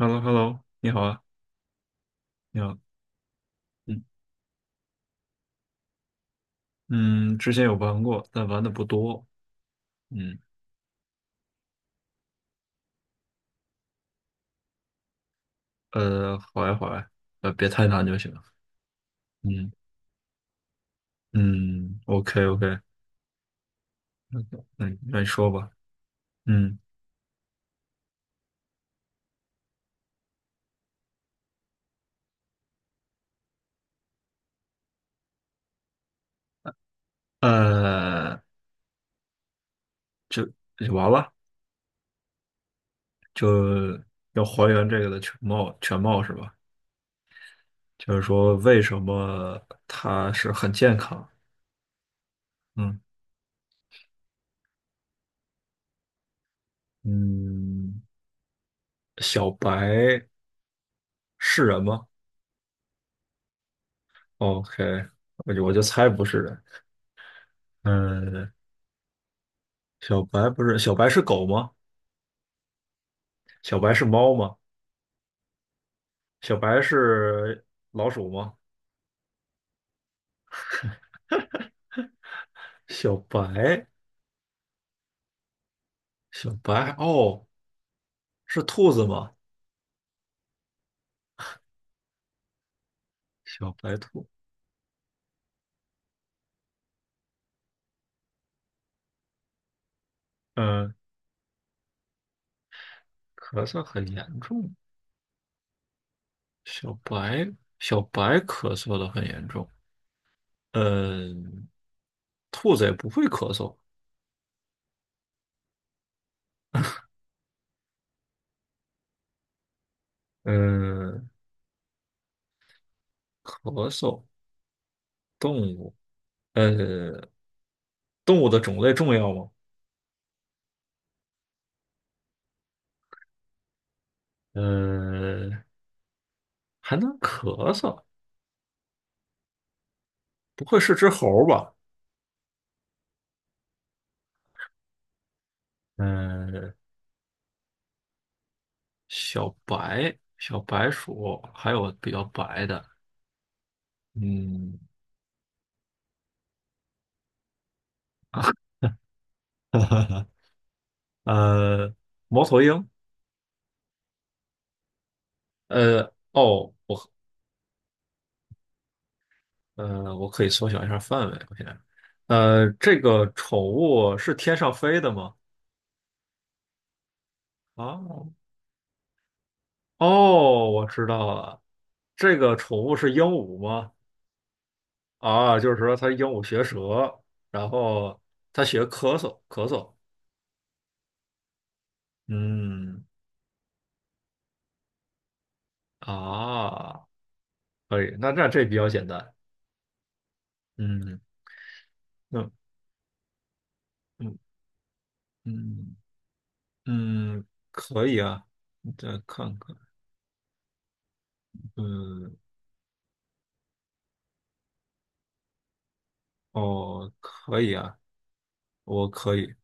Hello,Hello,你好啊，你好。嗯嗯，之前有玩过，但玩的不多，嗯。好呀好呀，别太难就行。嗯嗯，OK OK。那你说吧，嗯。呃，就就完了，就要还原这个的全貌是吧？就是说为什么它是很健康？嗯嗯，小白是人吗？OK，我就猜不是人，嗯。小白不是，小白是狗吗？小白是猫吗？小白是老鼠吗？小白，小白哦，是兔子吗？小白兔，嗯，咳嗽很严重。小白，小白咳嗽的很严重。嗯，兔子也不会咳嗽。嗯，咳嗽动物，呃，动物的种类重要吗？呃，还能咳嗽，不会是只猴儿吧？嗯，小白、小白鼠，还有比较白的，嗯。呃，猫头鹰，呃，哦，我可以缩小一下范围，我现在，这个宠物是天上飞的吗？啊，哦，我知道了，这个宠物是鹦鹉吗？啊，就是说它鹦鹉学舌，然后它学咳嗽，咳嗽，嗯，啊，可以，那这比较简单，嗯。嗯嗯嗯嗯，可以啊，你再看看，嗯，哦，可以啊，我可以，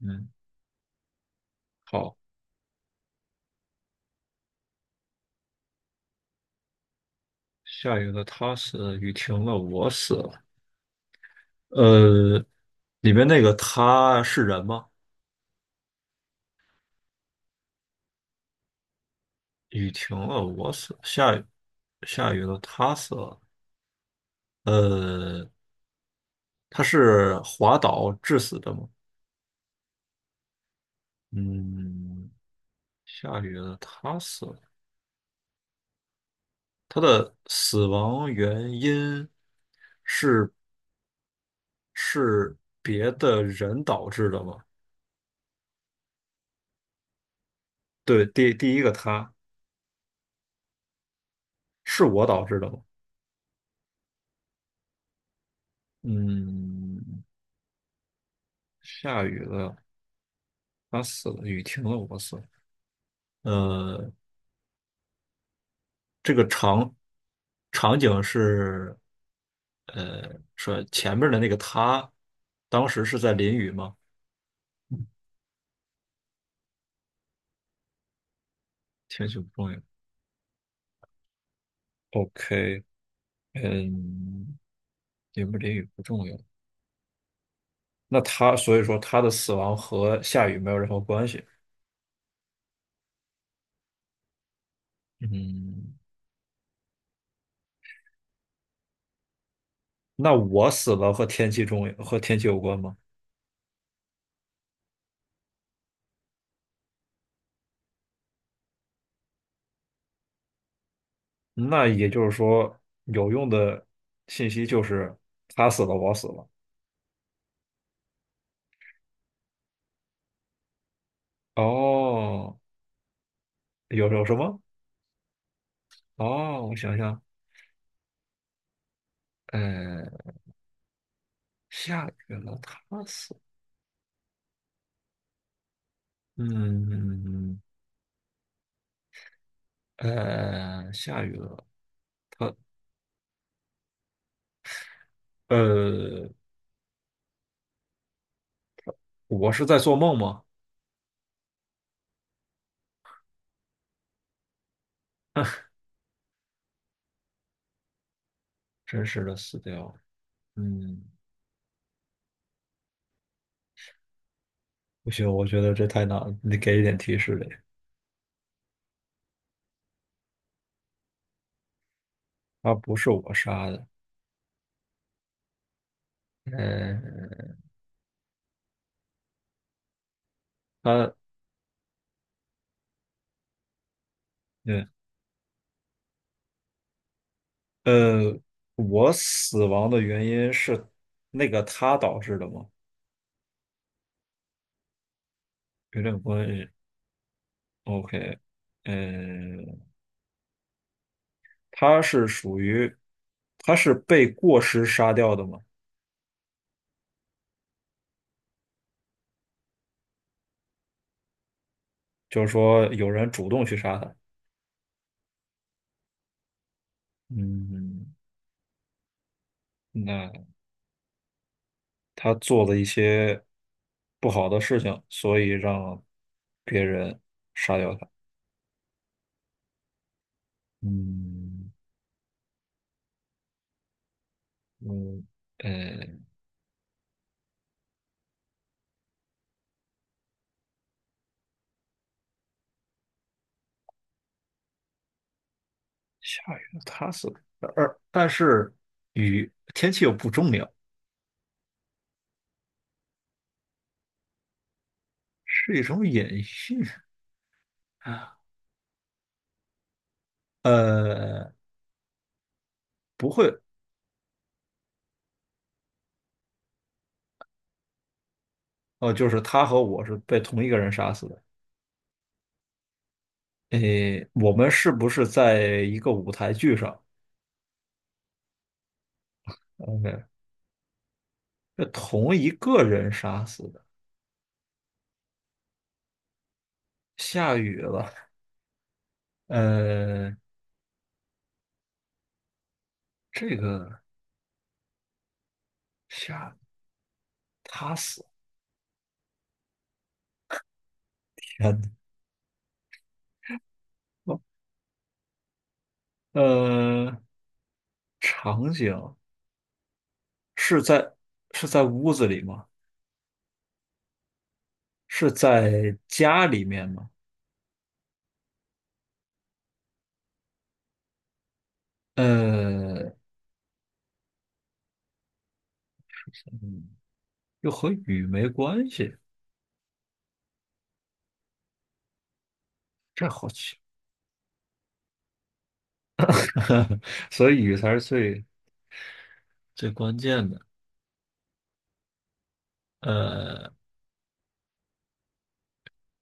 嗯，好。下雨了，他死了，雨停了，我死了。呃，里面那个他是人吗？雨停了，我死了，下雨，下雨了，他死了，呃，他是滑倒致死的吗？嗯。下雨了，他死了。他的死亡原因是是别的人导致的吗？对，第一个他是我导致的吗？嗯。下雨了，他死了，雨停了，我死了。呃，这个场景是，呃，说前面的那个他，当时是在淋雨吗？天气不重要。OK，嗯，淋不淋雨不重要。那他所以说他的死亡和下雨没有任何关系。嗯，那我死了和天气中和天气有关吗？那也就是说，有用的信息就是他死了，我死了。哦，有什么？哦，我想想，呃，下雨了，他死了，嗯，下雨了，他，呃，我是在做梦吗？真实的死掉，嗯，不行，我觉得这太难了，你得给一点提示呗。他不是我杀的，嗯，他，嗯，呃，我死亡的原因是那个他导致的吗？有点关系。OK，嗯，他是属于，他是被过失杀掉的吗？就是说有人主动去杀他。嗯，那他做了一些不好的事情，所以让别人杀掉他。嗯，嗯，呃，下雨了，它是，而但是雨天气又不重要，是一种隐喻啊。呃，不会，哦，就是他和我是被同一个人杀死的。诶，我们是不是在一个舞台剧上？OK，被同一个人杀死的。下雨了，呃，这个下他死，天呐，哦，呃，场景是在，是在屋子里吗？是在家里面吗？呃，嗯，又和雨没关系，这好奇。所以雨才是最关键的。呃，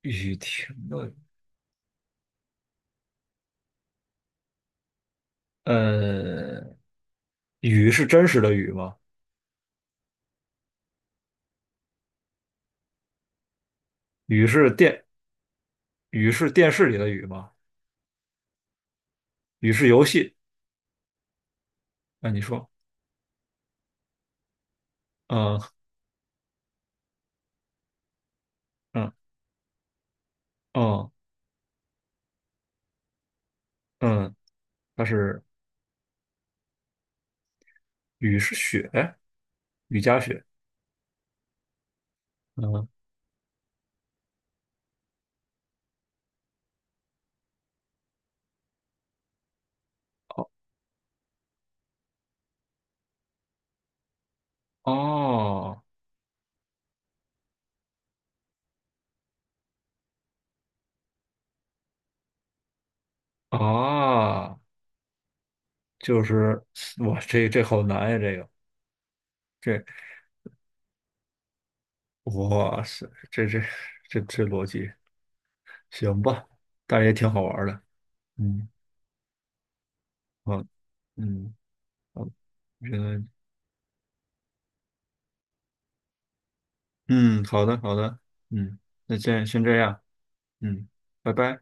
雨停了，呃，雨是真实的雨吗？雨是电，雨是电视里的雨吗？雨是游戏？那你说，嗯嗯嗯嗯，它是，雨是雪，雨夹雪，嗯，哦，哦啊。就是哇，这这好难呀，这个这哇塞，这这这这逻辑行吧，但是也挺好玩儿的，嗯，好，嗯，好，觉得嗯，好的，好的，嗯，那先这样，嗯，拜拜。